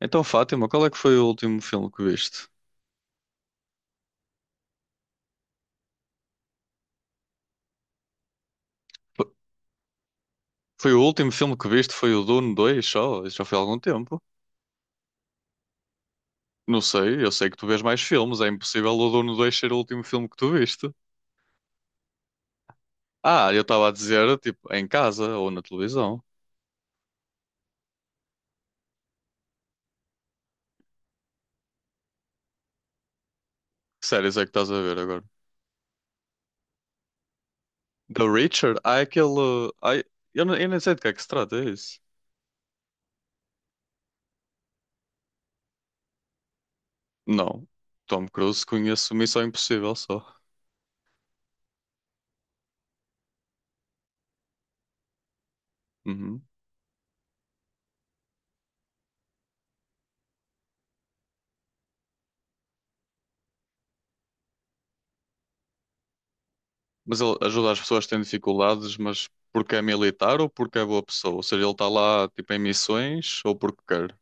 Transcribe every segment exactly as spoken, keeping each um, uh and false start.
Então, Fátima, qual é que foi o último filme que viste? F- Foi o último filme que viste? Foi o Dune dois só? Isso já foi há algum tempo. Não sei, eu sei que tu vês mais filmes. É impossível o Dune dois ser o último filme que tu viste. Ah, eu estava a dizer, tipo, em casa ou na televisão. Que séries é que estás a ver agora? The Reacher? Há aquele. Há... Eu, não, eu nem sei de que é que se trata, é isso? Não. Tom Cruise conheço Missão Impossível só. Uhum. Mas ele ajuda as pessoas que têm dificuldades, mas porque é militar ou porque é boa pessoa? Ou seja, ele está lá tipo em missões ou porque quer.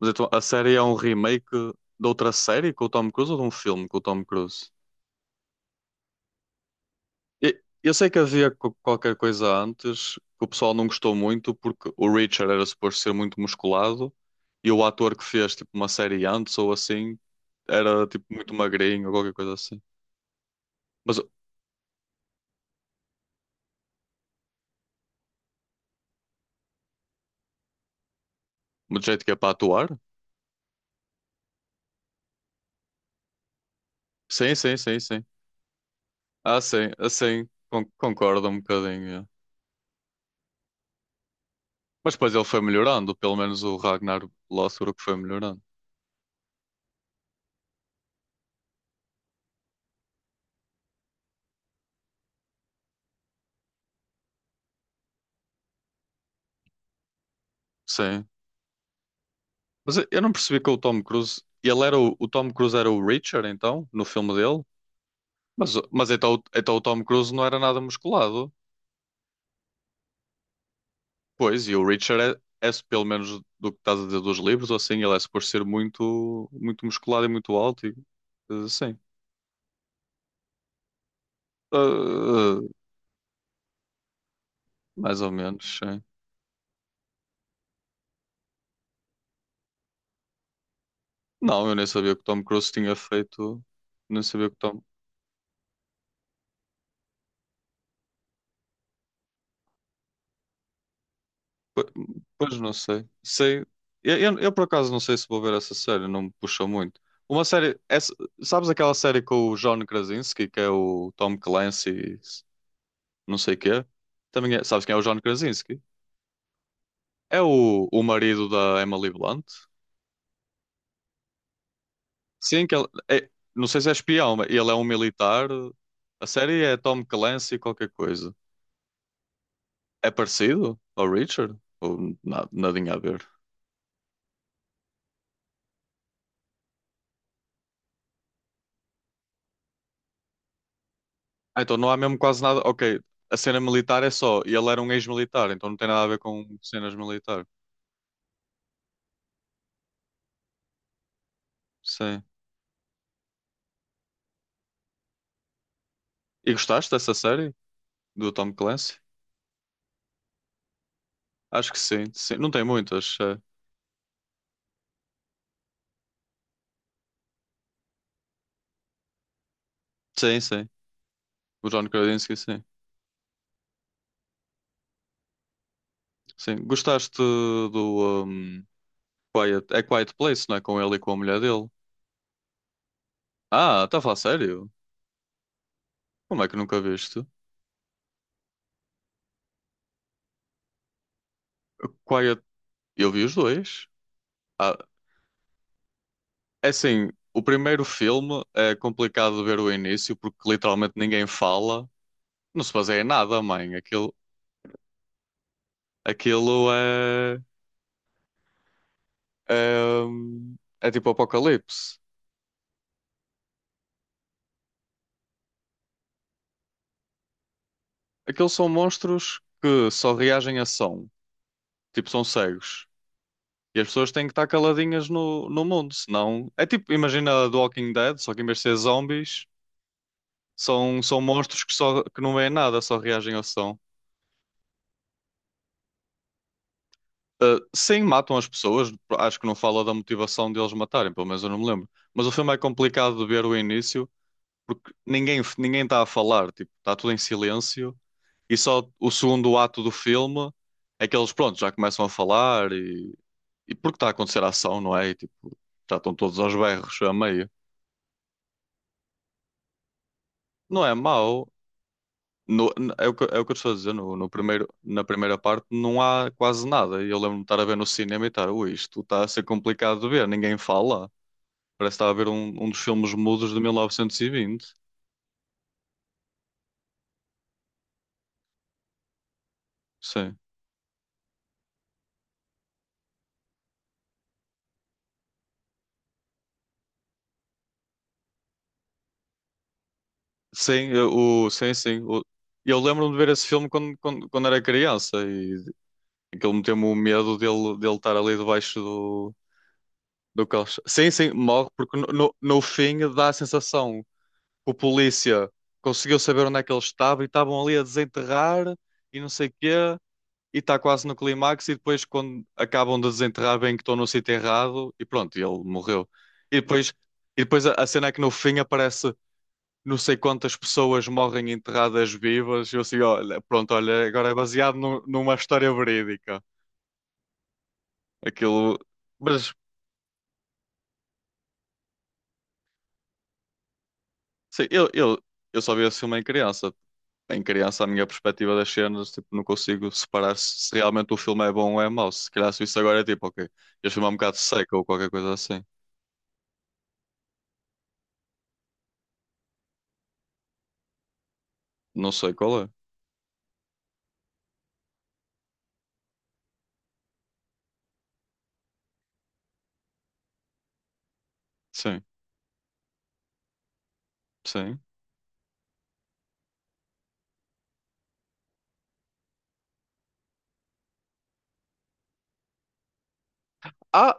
Mas então a série é um remake de outra série com o Tom Cruise ou de um filme com o Tom Cruise? E- Eu sei que havia co- qualquer coisa antes que o pessoal não gostou muito porque o Richard era suposto ser muito musculado e o ator que fez tipo uma série antes ou assim era tipo muito magrinho ou qualquer coisa assim. Mas o do jeito que é para atuar? Sim, sim, sim, sim. Ah, sim, assim con- concordo um bocadinho. É. Mas depois ele foi melhorando, pelo menos o Ragnar Lothbrok foi melhorando. Sim. Mas eu eu não percebi que o Tom Cruise. Ele era o, o Tom Cruise era o Richard, então, no filme dele. Mas, mas então, o- então o Tom Cruise não era nada musculado. Pois, e o Richard é, é, pelo menos do que estás a dizer dos livros, ou assim, ele é por ser muito, muito musculado e muito alto. E, eh, sim. Eh, eh, mais ou menos, sim. Não, eu nem sabia que o Tom Cruise tinha feito. Nem sabia que o Tom. Po- Pois não sei. Sei. Eu, eu, eu, por acaso não sei se vou ver essa série, não me puxa muito. Uma série. Essa, sabes aquela série com o John Krasinski, que é o Tom Clancy, não sei o quê? Também é- sabes quem é o John Krasinski? É o, o marido da Emily Blunt? Sim, que ele. É, não sei se é espião, mas ele é um militar. A série é Tom Clancy, qualquer coisa. É parecido ao Richard? Ou na- nadinha a ver? Ah, então não há mesmo quase nada. Ok, a cena militar é só. E ele era um ex-militar, então não tem nada a ver com cenas militares. Sim. E gostaste dessa série? Do Tom Clancy? Acho que sim, sim. Não tem muitas. eh. Sim, sim. O John Krasinski, sim. Sim. Gostaste do um, Quiet... É Quiet Place, não é? Com ele e com a mulher dele. Ah, está a falar sério? Como é que nunca viste? Quiet. Eu vi os dois. Ah, é assim, o primeiro filme é complicado de ver o início porque literalmente ninguém fala. Não se baseia em nada, mãe. Aquilo, aquilo é, é, é tipo apocalipse. Aqueles são monstros que só reagem a som. Tipo, são cegos. E as pessoas têm que estar caladinhas no, no mundo, senão... É tipo, imagina The Walking Dead, só que em vez de ser zombies, são, são monstros que, só, que não veem nada, só reagem a som. Ah, sim, matam as pessoas. Acho que não fala da motivação deles matarem, pelo menos eu não me lembro. Mas o filme é complicado de ver o início porque ninguém ninguém está a falar, tipo, está tudo em silêncio e só o segundo ato do filme é que eles, pronto, já começam a falar e, e porque está a acontecer a ação, não é? E, tipo, já estão todos aos berros a meio. Não é mau. No, n- É o que, é o que eu estou a dizer, no, no primeiro, na primeira parte não há quase nada. E eu lembro-me de estar a ver no cinema e estar, ui, isto está a ser complicado de ver, ninguém fala. Parece que está a ver um, um dos filmes mudos de mil novecentos e vinte. Sim. Sim, eu- o, sim, sim. O- eu lembro-me de ver esse filme quando, quando, quando era criança e aquilo meteu-me o medo dele, dele estar ali debaixo do, do colchão. Sim, sim, morre porque no, no, no fim dá a sensação que o polícia conseguiu saber onde é que ele estava e estavam ali a desenterrar e não sei o quê e está quase no clímax e depois quando acabam de desenterrar bem que estão no sítio errado e pronto, e ele morreu. E depois, e depois a, a cena é que no fim aparece não sei quantas pessoas morrem enterradas vivas. Eu assim, olha, pronto, olha, agora é baseado nu- numa história verídica. Aquilo. Mas, sim, eu, eu, eu só vi esse filme em criança. Em criança, a minha perspectiva das cenas, tipo, não consigo separar se, se realmente o filme é bom ou é mau. Se calhar se isso agora é tipo, ok, este filme é um bocado seco ou qualquer coisa assim. Não sei qual é. Sim, sim. Ah,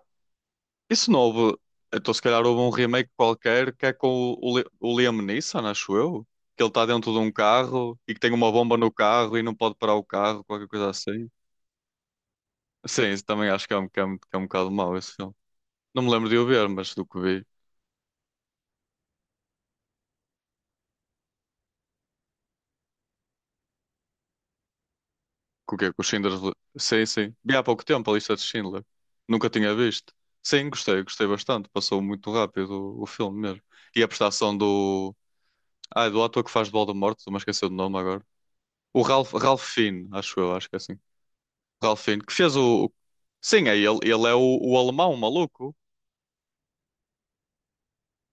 isso novo, então se calhar houve um remake qualquer que é com o, o Li- o Liam Neeson, acho eu, que ele está dentro de um carro e que tem uma bomba no carro e não pode parar o carro, qualquer coisa assim. Sim, isso também acho que é um, que é um, que é um bocado mau esse filme. Não me lembro de o ver, mas do que vi, com o que é que o Schindler. Sim, sim. Vi há pouco tempo a lista de Schindler. Nunca tinha visto. Sim, gostei, gostei bastante. Passou muito rápido o, o filme mesmo. E a prestação do. Ah, do ator que faz de Voldemort, estou-me a esquecer do nome agora. O Ralph, Ralph Fiennes, acho eu, acho que é assim. Ralfine, que fez o. Sim, é ele. Ele é o, o alemão, o maluco.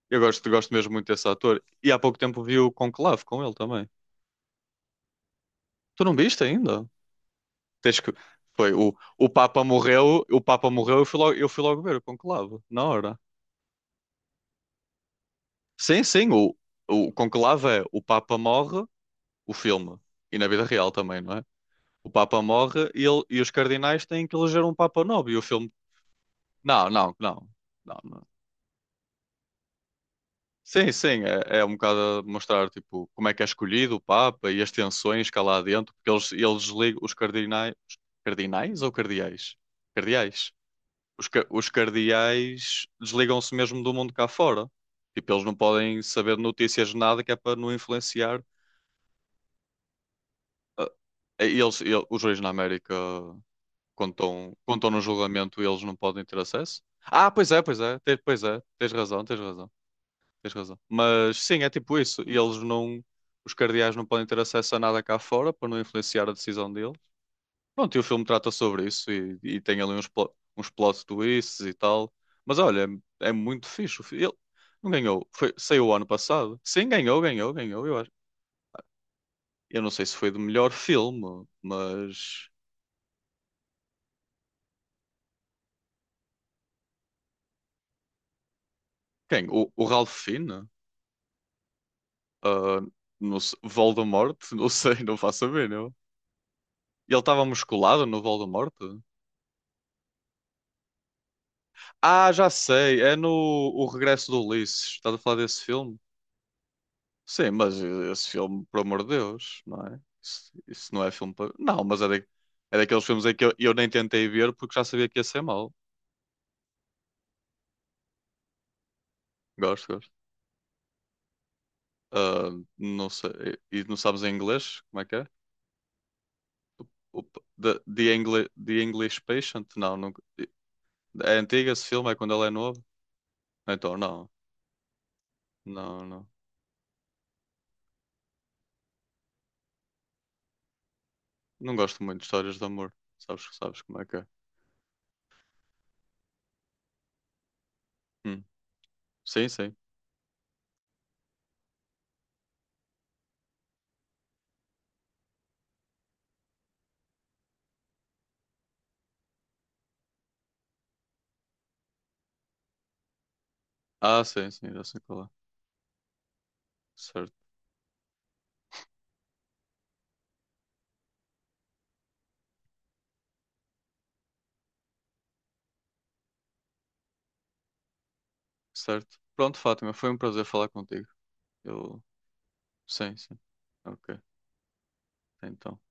Eu gosto, gosto mesmo muito desse ator. E há pouco tempo vi o Conclave com ele também. Tu não viste ainda? Tens que. Foi, o, o Papa morreu, o Papa morreu, eu fui logo, eu fui logo ver o Conclave, na hora. Sim, sim, o, o Conclave é o Papa morre, o filme. E na vida real também, não é? O Papa morre e, ele, e os cardinais têm que eleger um Papa novo. E o filme. Não, não, não. Não, não. Sim, sim, é, é um bocado a mostrar tipo, como é que é escolhido o Papa e as tensões que há lá dentro, porque eles, eles ligam os cardinais, cardinais ou cardeais? Cardeais. Os, ca- os cardeais desligam-se mesmo do mundo cá fora. Tipo, eles não podem saber de notícias de nada que é para não influenciar. Ah, eles, ele- os reis na América, quando estão, quando estão no julgamento, eles não podem ter acesso? Ah, pois é, pois é, te- pois é, tens razão, tens razão. Tens razão. Mas sim, é tipo isso. E eles não. Os cardeais não podem ter acesso a nada cá fora para não influenciar a decisão deles. Pronto, e o filme trata sobre isso e, e tem ali uns, plo- uns plot twists e tal. Mas olha, é muito fixe. o fi- Ele não ganhou. Foi, saiu o ano passado. Sim, ganhou, ganhou, ganhou, eu acho. Eu não sei se foi do melhor filme, mas. Quem? O, o Ralph Fiennes? Ah, não sei, Voldemort? Não sei, não faço a ver, não. Ele estava musculado no Voldemort? Ah, já sei. É no O Regresso do Ulisses. Estás a falar desse filme? Sim, mas esse filme, por amor de Deus, não é? Isso, isso não é filme para. Não, mas é, da- é daqueles filmes em que eu, eu nem tentei ver porque já sabia que ia ser mau. Gosto, gosto. Ah, não sei. E e não sabes em inglês? Como é que é? O p- the, the, Engli- The English Patient? Não, não. É antigo esse filme? É quando ele é novo? Então, não. Não, não. Não gosto muito de histórias de amor. Sabes, sabes como é que é? Hum. Sim, sim. Ah, sim, sim, já sei qual é. Certo, certo. Pronto, Fátima, foi um prazer falar contigo. Eu, sim, sim. Ok, então.